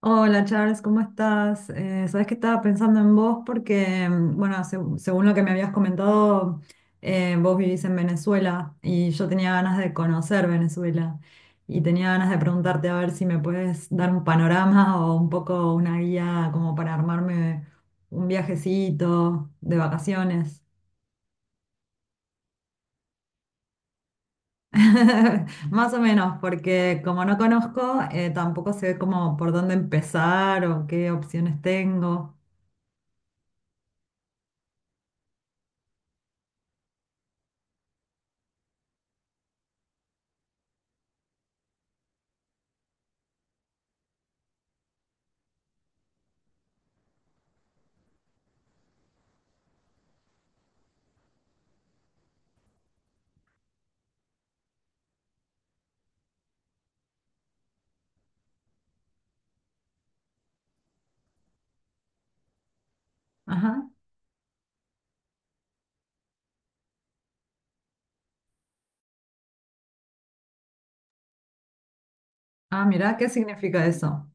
Hola Charles, ¿cómo estás? Sabes que estaba pensando en vos porque, bueno, según lo que me habías comentado, vos vivís en Venezuela y yo tenía ganas de conocer Venezuela y tenía ganas de preguntarte a ver si me puedes dar un panorama o un poco una guía como para armarme un viajecito de vacaciones. Más o menos, porque como no conozco, tampoco sé cómo por dónde empezar o qué opciones tengo. Ajá. Ah, mirá, ¿qué significa eso?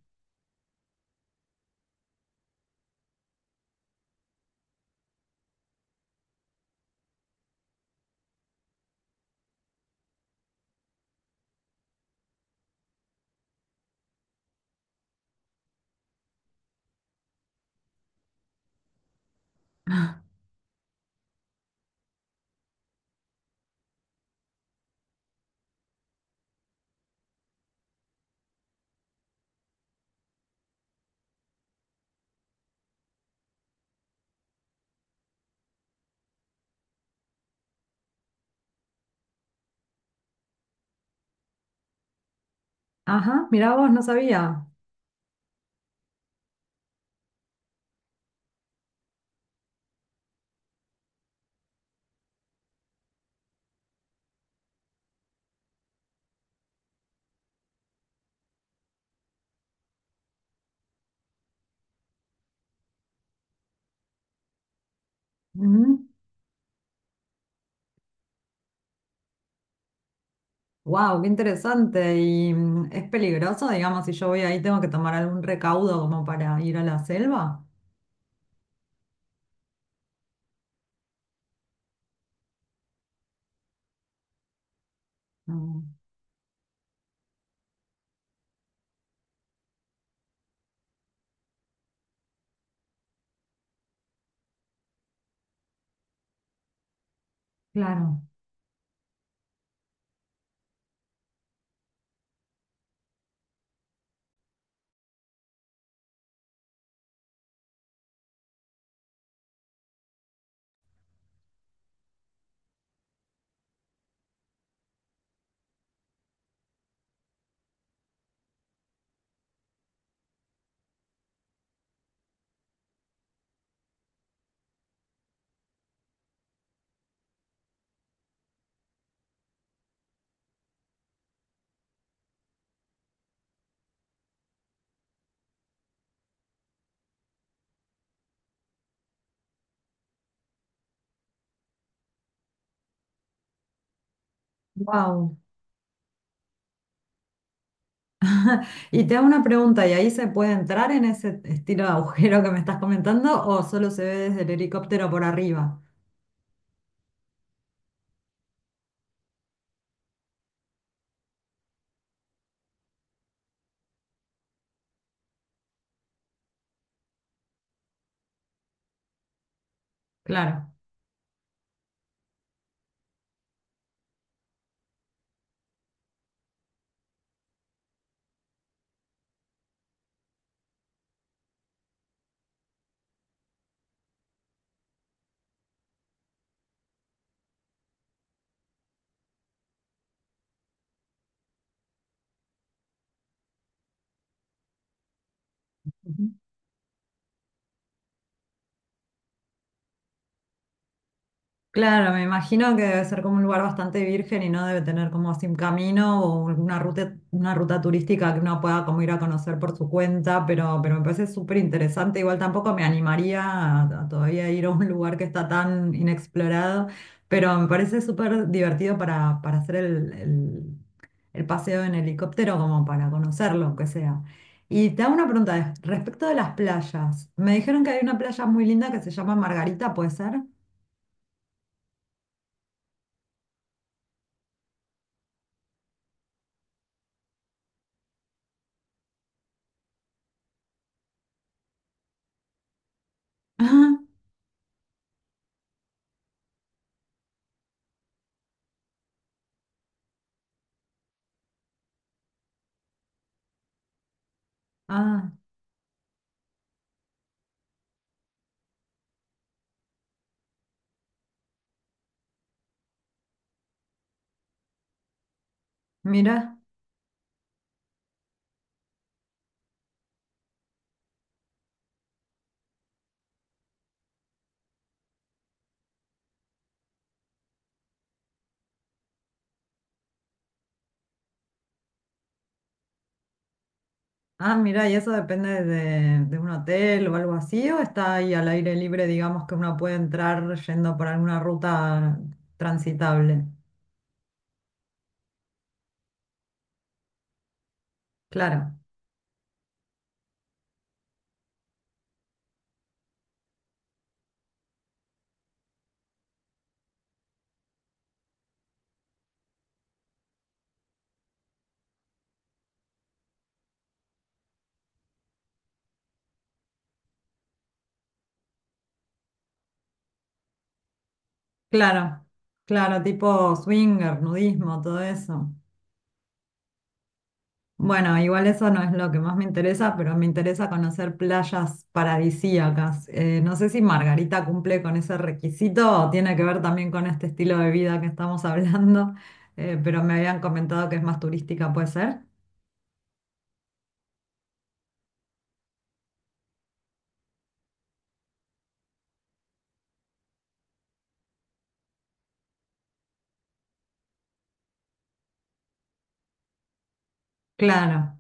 Ajá, mirá vos, no sabía. Wow, qué interesante. ¿Y es peligroso, digamos, si yo voy ahí, tengo que tomar algún recaudo como para ir a la selva? Mm, claro. Wow. Y te hago una pregunta, ¿y ahí se puede entrar en ese estilo de agujero que me estás comentando o solo se ve desde el helicóptero por arriba? Claro. Claro, me imagino que debe ser como un lugar bastante virgen y no debe tener como así un camino o una ruta turística que uno pueda como ir a conocer por su cuenta, pero me parece súper interesante. Igual tampoco me animaría a todavía ir a un lugar que está tan inexplorado, pero me parece súper divertido para hacer el paseo en helicóptero como para conocerlo, aunque sea. Y te hago una pregunta respecto de las playas. Me dijeron que hay una playa muy linda que se llama Margarita, ¿puede ser? Ah, mira, ah, mira, y eso depende de un hotel o algo así, o está ahí al aire libre, digamos que uno puede entrar yendo por alguna ruta transitable. Claro, claro, claro, tipo swinger, nudismo, todo eso. Bueno, igual eso no es lo que más me interesa, pero me interesa conocer playas paradisíacas. No sé si Margarita cumple con ese requisito o tiene que ver también con este estilo de vida que estamos hablando, pero me habían comentado que es más turística, ¿puede ser? Claro.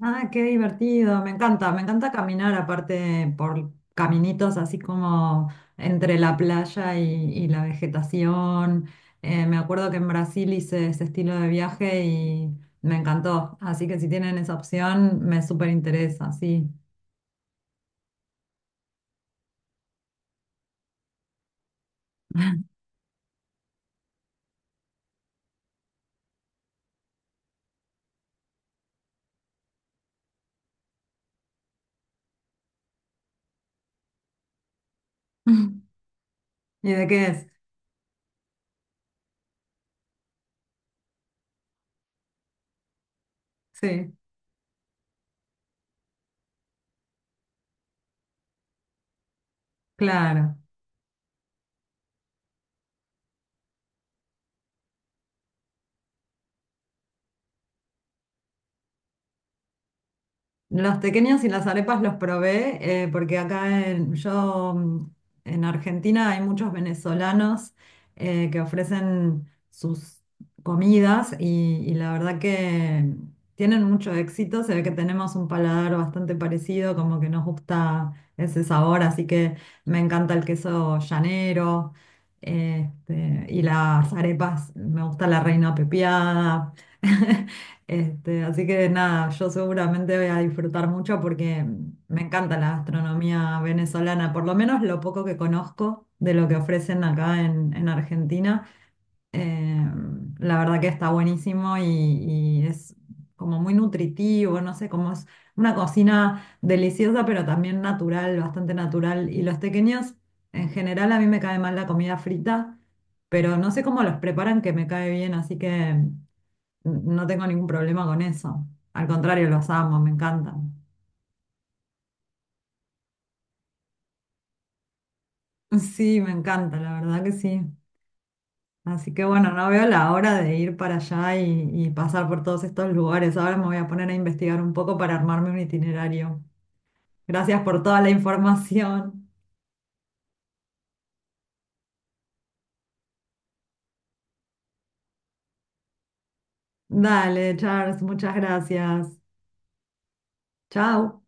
Ah, qué divertido. Me encanta caminar aparte por caminitos así como entre la playa y la vegetación. Me acuerdo que en Brasil hice ese estilo de viaje y me encantó. Así que si tienen esa opción, me súper interesa, sí. ¿Y de qué es? Sí, claro. Los pequeños y las arepas los probé porque acá en, yo en Argentina hay muchos venezolanos que ofrecen sus comidas y la verdad que tienen mucho éxito. Se ve que tenemos un paladar bastante parecido, como que nos gusta ese sabor, así que me encanta el queso llanero y las arepas, me gusta la reina pepiada. Así que nada, yo seguramente voy a disfrutar mucho porque me encanta la gastronomía venezolana, por lo menos lo poco que conozco de lo que ofrecen acá en Argentina. Eh, la verdad que está buenísimo y es como muy nutritivo, no sé, como es una cocina deliciosa, pero también natural, bastante natural. Y los tequeños, en general, a mí me cae mal la comida frita, pero no sé cómo los preparan que me cae bien, así que... No tengo ningún problema con eso. Al contrario, los amo, me encantan. Sí, me encanta, la verdad que sí. Así que bueno, no veo la hora de ir para allá y pasar por todos estos lugares. Ahora me voy a poner a investigar un poco para armarme un itinerario. Gracias por toda la información. Dale, Charles, muchas gracias. Chao.